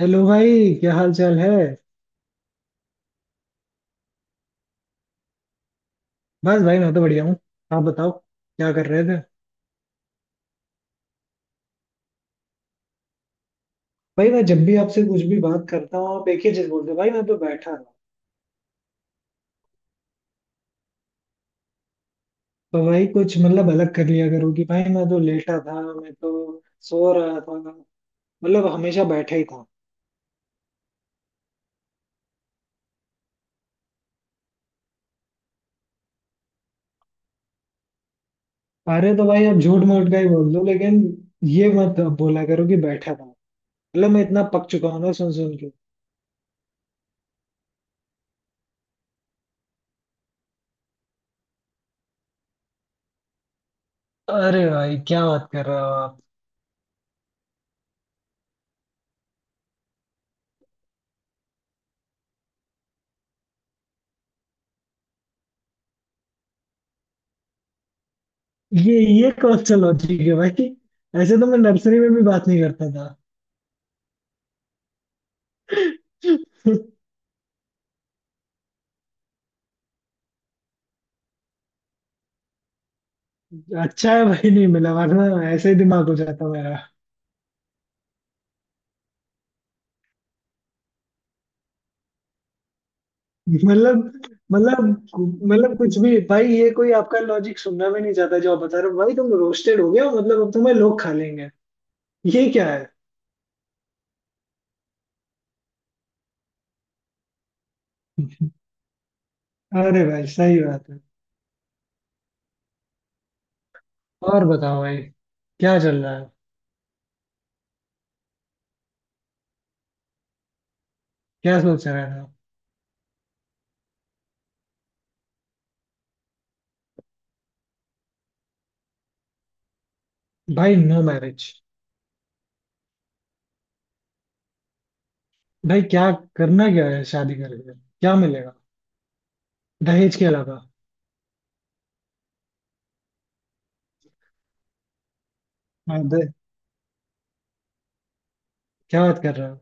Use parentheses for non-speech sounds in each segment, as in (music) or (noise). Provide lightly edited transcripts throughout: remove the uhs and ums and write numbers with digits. Hello भाई, क्या हाल चाल है। बस भाई, मैं तो बढ़िया हूँ। आप बताओ, क्या कर रहे थे। भाई, मैं जब भी आपसे कुछ भी बात करता हूँ आप एक ही चीज बोलते हो: भाई मैं तो बैठा था। तो भाई कुछ मतलब अलग कर लिया करो कि भाई मैं तो लेटा था, मैं तो सो रहा था। मतलब हमेशा बैठा ही था। अरे तो भाई आप झूठ मूठ का ही बोल दो, लेकिन ये मत बोला करो कि बैठा था। मतलब मैं इतना पक चुका हूँ ना, सुन सुन के। अरे भाई, क्या बात कर रहे हो आप। ये ये कौन सा लॉजिक है भाई। ऐसे तो मैं नर्सरी में भी बात नहीं करता था। अच्छा है भाई, नहीं मिला, वरना ऐसे ही दिमाग हो जाता मेरा। मतलब मतलब मतलब कुछ भी भाई, ये कोई आपका लॉजिक सुनना भी नहीं चाहता। जो आप बता रहे हो भाई तुम रोस्टेड हो गए हो, मतलब अब तुम्हें लोग खा लेंगे। ये क्या है। अरे भाई, सही बात है। और बताओ भाई, क्या चल रहा है। क्या सोच रहे हो। भाई, नो मैरिज। भाई क्या, करना क्या है? शादी करके क्या मिलेगा, दहेज के अलावा। हाँ, क्या बात कर रहे हो।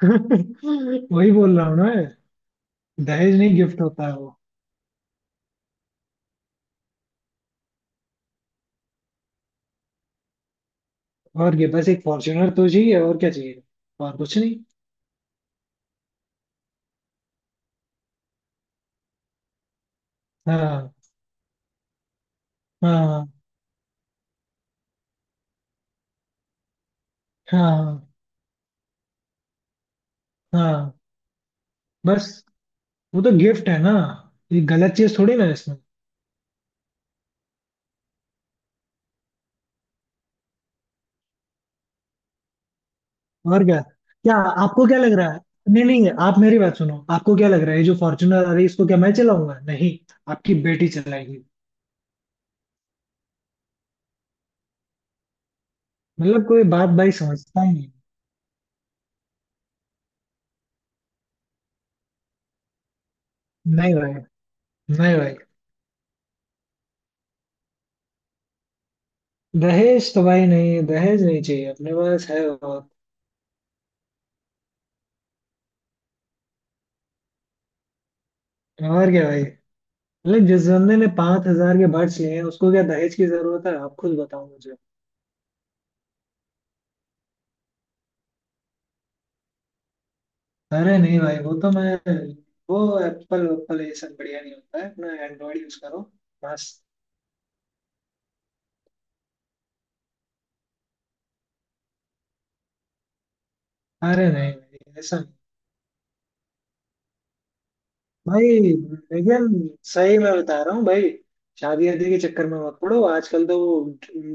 (laughs) वही बोल रहा हूँ ना। दहेज नहीं, गिफ्ट होता है वो। और ये, बस एक फॉर्च्यूनर तो चाहिए, और क्या चाहिए। और कुछ नहीं। हाँ। हाँ। हाँ। हाँ। बस। वो तो गिफ्ट है ना। ये गलत चीज थोड़ी ना है इसमें। और क्या? क्या आपको क्या लग रहा है? नहीं नहीं, आप मेरी बात सुनो, आपको क्या लग रहा है, ये जो फॉर्च्यूनर आ रही है इसको क्या मैं चलाऊंगा? नहीं, आपकी बेटी चलाएगी। मतलब कोई बात भाई समझता ही नहीं। नहीं भाई, नहीं भाई। दहेज तो भाई नहीं, दहेज नहीं चाहिए, अपने पास है। और क्या भाई। लेकिन जिस बंदे ने 5,000 के बर्ड्स लिए हैं उसको क्या दहेज की जरूरत है? आप खुद बताओ मुझे। अरे नहीं भाई, वो तो मैं, वो एप्पल एप्पल ये सब बढ़िया नहीं होता है, अपना एंड्रॉइड यूज करो मस्त। अरे नहीं भाई, ऐसा नहीं। भाई, लेकिन सही मैं बता रहा हूँ भाई, शादी वादी के चक्कर में मत पड़ो, आजकल तो वो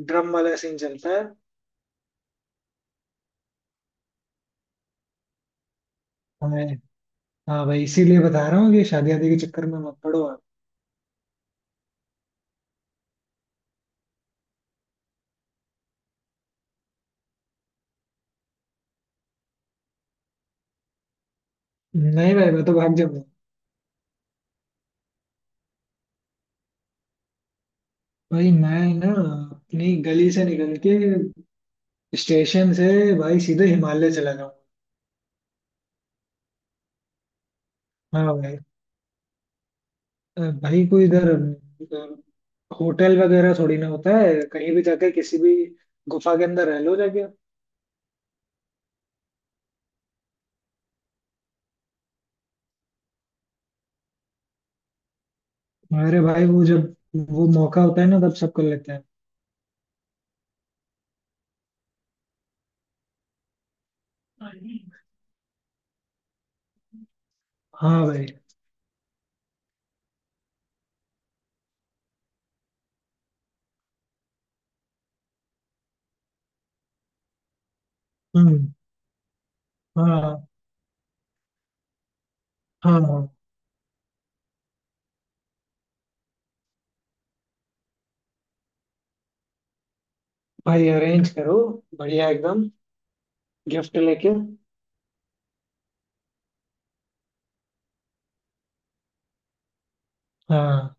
ड्रम वाला सीन चलता है। मैं, हाँ भाई इसीलिए बता रहा हूँ कि शादी वादी के चक्कर में मत पड़ो आप। नहीं भाई, मैं तो भाग जाऊंगा। भाई मैं ना, अपनी गली से निकल के, स्टेशन से, भाई सीधे हिमालय चला जाऊँ। हाँ भाई। भाई कोई इधर होटल वगैरह थोड़ी ना होता है, कहीं भी जाके किसी भी गुफा के अंदर रह लो जाके। हमारे भाई वो जब, वो मौका होता है ना तब सब कर लेते हैं। हाँ भाई। हम्म। हाँ। हाँ। हाँ भाई, अरेंज करो, बढ़िया एकदम, गिफ्ट लेके। हाँ,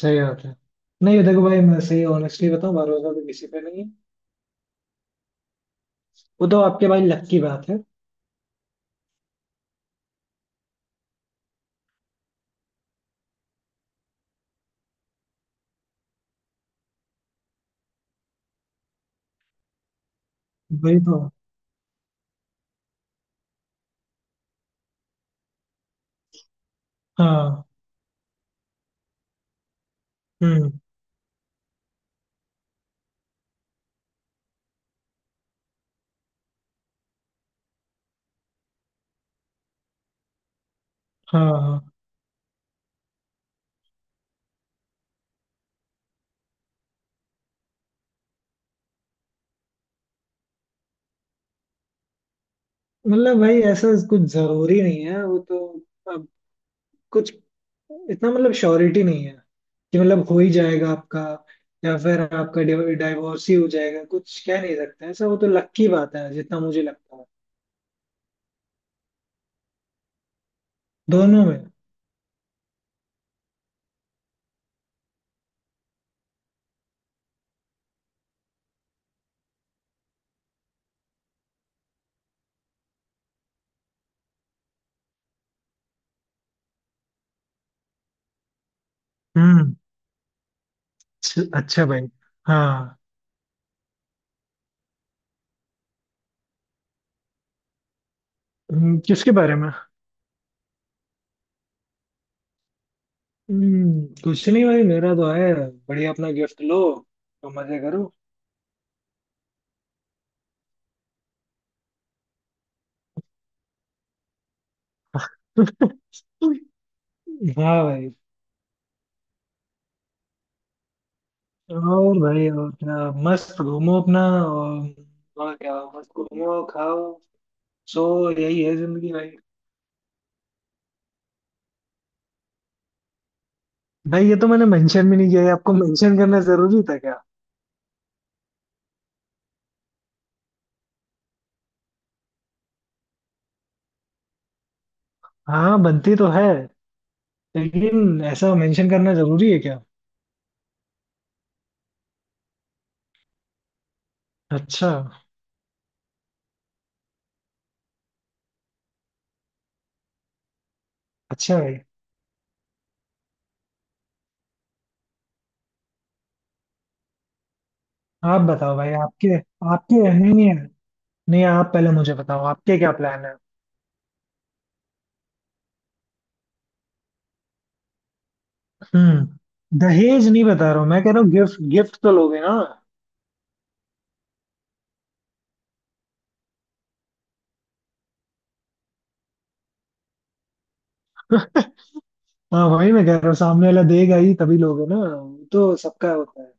सही बात है। नहीं, देखो भाई मैं सही ऑनेस्टली बताऊं, भरोसा तो किसी पे नहीं है। वो तो आपके भाई लक की बात है। वही तो। हाँ। हम्म। हाँ। हाँ। मतलब भाई ऐसा कुछ जरूरी नहीं है वो तो। अब कुछ इतना मतलब श्योरिटी नहीं है कि मतलब हो ही जाएगा आपका, या फिर आपका डाइवोर्स ही हो जाएगा, कुछ कह नहीं सकते ऐसा। वो तो लक की बात है, जितना मुझे लगता है। दोनों में। हम्म। अच्छा भाई। हाँ। किसके बारे में। हम्म, कुछ नहीं भाई, मेरा तो है बढ़िया, अपना गिफ्ट लो तो मजे करो। (laughs) हाँ भाई। और भाई और क्या, मस्त घूमो अपना। और क्या, मस्त घूमो खाओ सो। यही है जिंदगी भाई। भाई ये तो मैंने मेंशन भी नहीं किया, ये आपको मेंशन करना जरूरी था क्या। हाँ, बनती तो है, लेकिन ऐसा मेंशन करना जरूरी है क्या। अच्छा। अच्छा भाई। आप बताओ भाई, आपके आपके नहीं, नहीं, नहीं, आप पहले मुझे बताओ आपके क्या प्लान है। हम्म। दहेज नहीं बता रहा हूँ, मैं कह रहा हूँ गिफ्ट, गिफ्ट तो लोगे ना। हाँ, वही मैं कह रहा हूँ, सामने वाला देगा ही तभी लोगे ना, वो तो सबका होता है।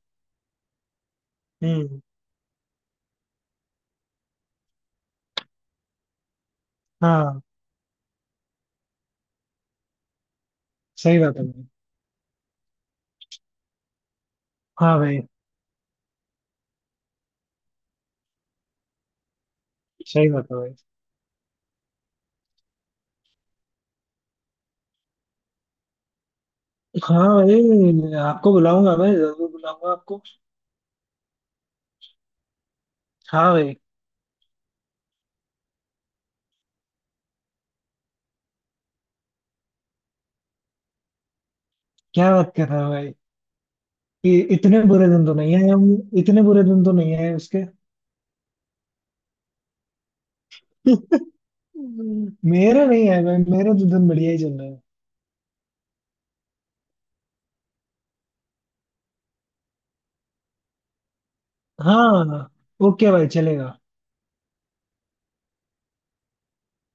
हम्म। हाँ। सही बात है भाई। हाँ भाई। सही बात है भाई। हाँ भाई, आपको बुलाऊंगा, मैं जरूर बुलाऊंगा आपको। हाँ भाइ। क्या बात कर रहे हो भाई। इतने बुरे दिन तो नहीं आए हम। इतने बुरे दिन तो नहीं आए उसके। (laughs) मेरे नहीं आए भाई, मेरे तो दिन बढ़िया ही चल रहे हैं। हाँ। ओके भाई, चलेगा।